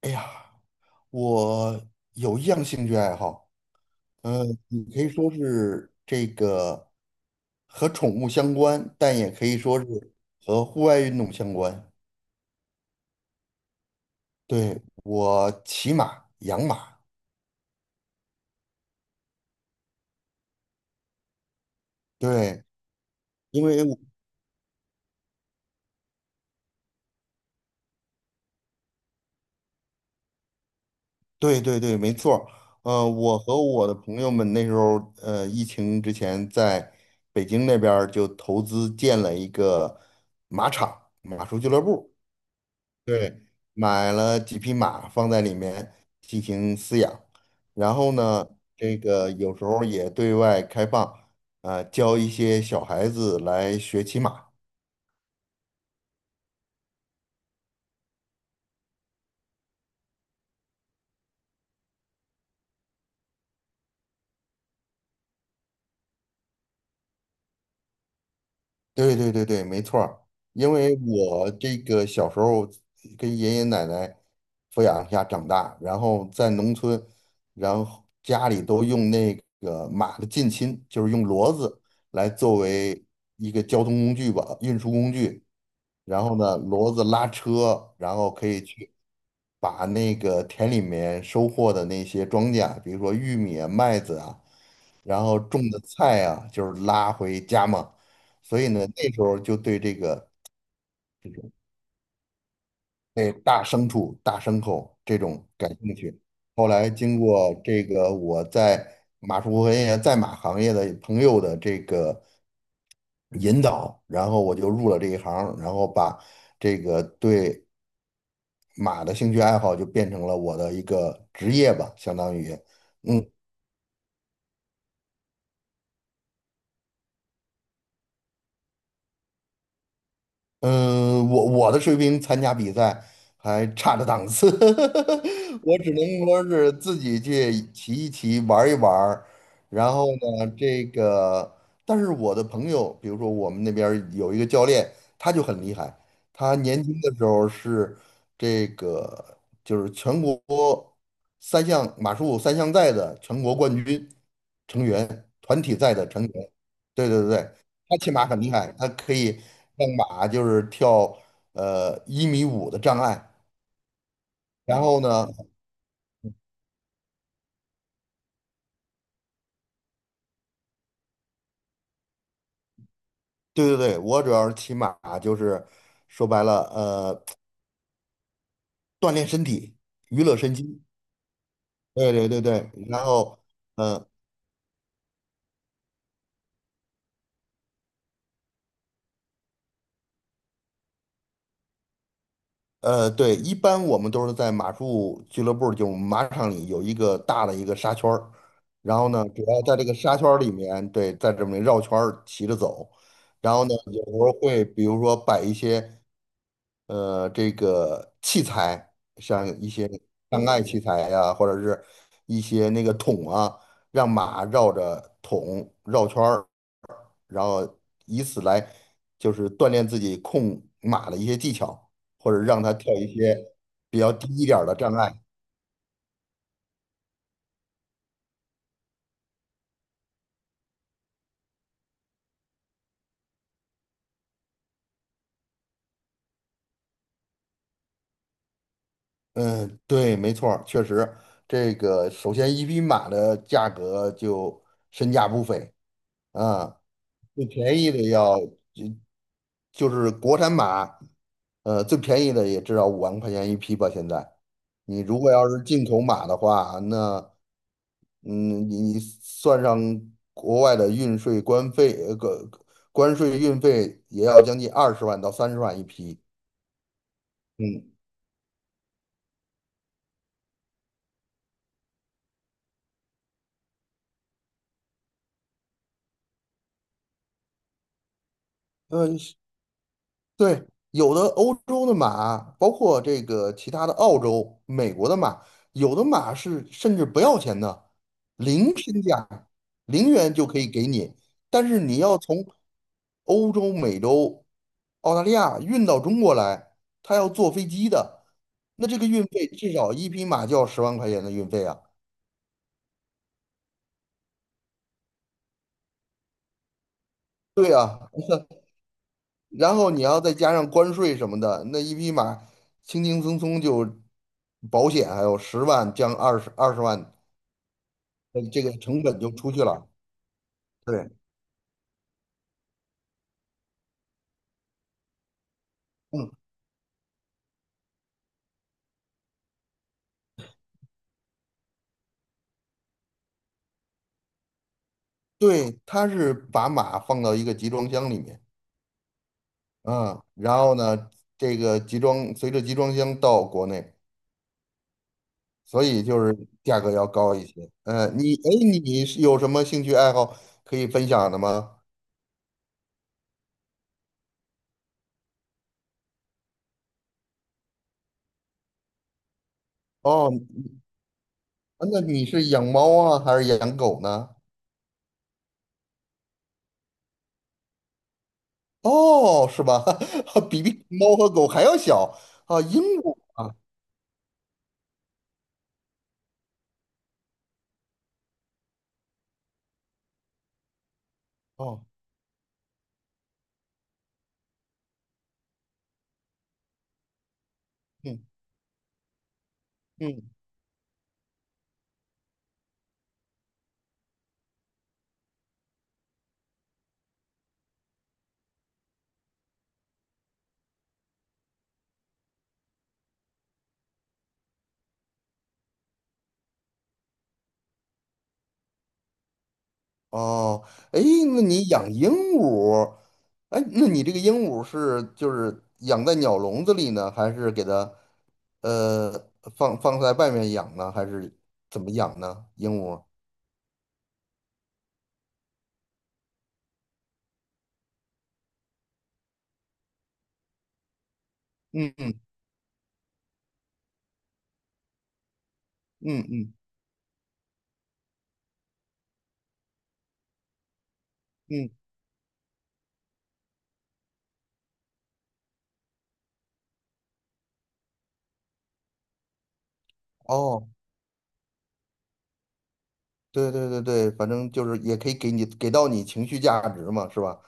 哎呀，我有一样兴趣爱好。呃，你可以说是这个和宠物相关，但也可以说是和户外运动相关。对，我骑马、养马。对，因为我对对对，没错儿。我和我的朋友们那时候，疫情之前在北京那边儿就投资建了一个马场、马术俱乐部。对，买了几匹马放在里面进行饲养，然后呢，这个有时候也对外开放，啊，教一些小孩子来学骑马。对对对对，没错儿。因为我这个小时候跟爷爷奶奶抚养下长大，然后在农村，然后家里都用那个马的近亲，就是用骡子来作为一个交通工具吧，运输工具。然后呢，骡子拉车，然后可以去把那个田里面收获的那些庄稼，比如说玉米啊、麦子啊，然后种的菜啊，就是拉回家嘛。所以呢，那时候就对这种对大牲畜、大牲口这种感兴趣。后来经过这个我在马术和也在马行业的朋友的这个引导，然后我就入了这一行，然后把这个对。马的兴趣爱好就变成了我的一个职业吧，相当于。嗯嗯，我的水平参加比赛还差着档次，我只能说是自己去骑一骑，玩一玩儿。然后呢，这个，但是我的朋友，比如说我们那边儿有一个教练，他就很厉害。他年轻的时候是这个，就是全国三项马术三项赛的全国冠军成员，团体赛的成员。对对对，他骑马很厉害，他可以让马就是跳1.5米的障碍。然后呢，对对对，我主要是骑马，就是说白了，锻炼身体，娱乐身心。对对对对，然后，嗯。对，一般我们都是在马术俱乐部，就马场里有一个大的一个沙圈儿，然后呢，主要在这个沙圈儿里面，对，在这里面绕圈儿骑着走，然后呢，有时候会比如说摆一些。这个器材，像一些障碍器材呀、或者是一些那个桶啊，让马绕着桶绕圈儿，然后以此来就是锻炼自己控马的一些技巧，或者让它跳一些比较低一点儿的障碍。嗯，对，没错儿，确实。这个首先一匹马的价格就身价不菲啊。最便宜的要，就是国产马。最便宜的也至少5万块钱一匹吧。现在，你如果要是进口马的话，那嗯，你算上国外的运税、关费，个关税、运费，也要将近二十万到30万一匹。嗯，呃，对，有的欧洲的马，包括这个其他的澳洲、美国的马，有的马是甚至不要钱的，零身价，零元就可以给你。但是你要从欧洲、美洲、澳大利亚运到中国来，他要坐飞机的。那这个运费至少一匹马就要10万块钱的运费啊。对啊，然后你要再加上关税什么的，那一匹马轻轻松松就保险还有十万降二十万，这个成本就出去了。对，嗯，对，他是把马放到一个集装箱里面，嗯，然后呢，这个随着集装箱到国内，所以就是价格要高一些。嗯，哎，你是有什么兴趣爱好可以分享的吗？哦，那你是养猫啊，还是养狗呢？哦，是吧？比猫和狗还要小。啊，鹦鹉啊。哦，嗯嗯，哦。哎，那你养鹦鹉。哎，那你这个鹦鹉是就是养在鸟笼子里呢，还是给它呃放在外面养呢，还是怎么养呢？鹦鹉？嗯嗯嗯嗯嗯，哦，对对对对，反正就是也可以给你给到你情绪价值嘛，是吧？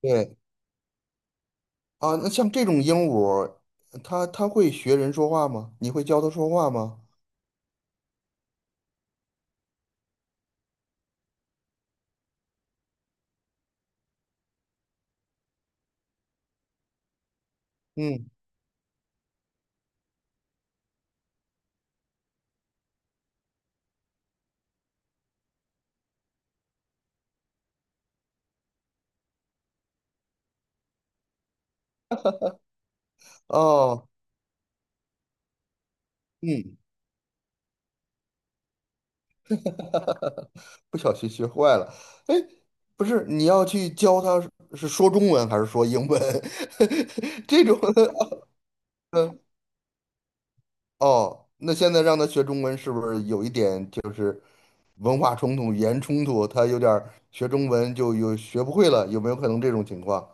对。啊，那像这种鹦鹉，它会学人说话吗？你会教它说话吗？嗯，哦，嗯。不小心学坏了。哎，不是，你要去教它是说中文还是说英文？这种，嗯。哦，那现在让它学中文是不是有一点就是文化冲突、语言冲突？它有点儿学中文就有学不会了，有没有可能这种情况？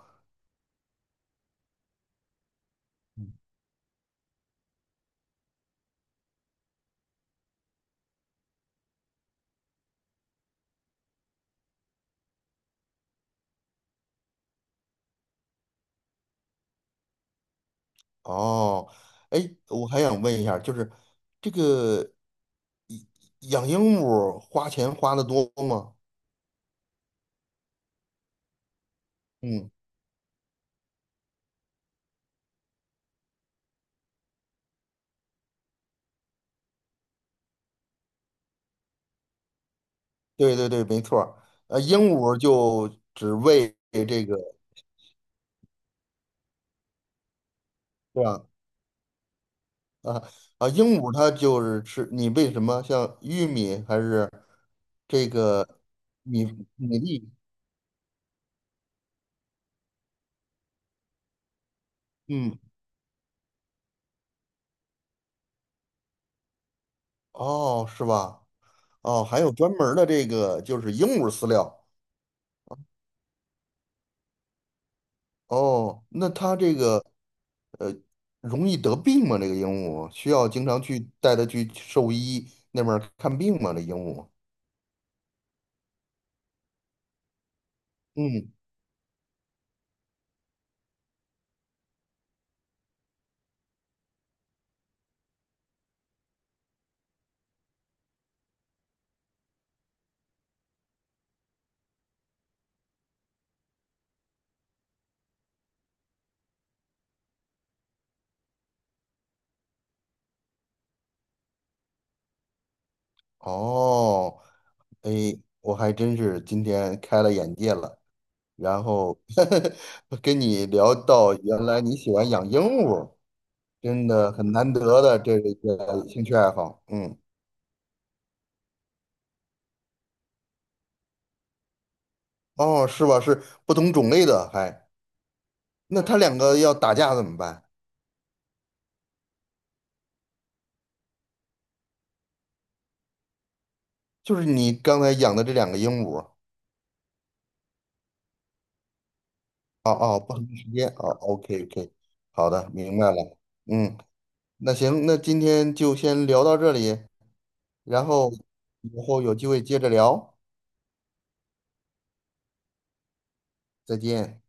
哦，哎，我还想问一下，就是这个。养鹦鹉花钱花的多吗？嗯，对对对，没错儿。鹦鹉就只喂这个，是吧？啊啊，鹦鹉它就是吃你喂什么？像玉米还是这个米米粒？嗯，哦，是吧？哦，还有专门儿的这个就是鹦鹉饲料。哦，那它这个呃容易得病吗？这个鹦鹉需要经常去带它去兽医那边儿看病吗？这鹦鹉？嗯。哦，哎，我还真是今天开了眼界了。然后 跟你聊到，原来你喜欢养鹦鹉，真的很难得的这一个兴趣爱好。嗯，哦，是吧？是不同种类的，那它两个要打架怎么办？就是你刚才养的这两个鹦鹉，哦哦，不同时间，哦，OK OK,好的，明白了。嗯，那行，那今天就先聊到这里，然后以后有机会接着聊。再见。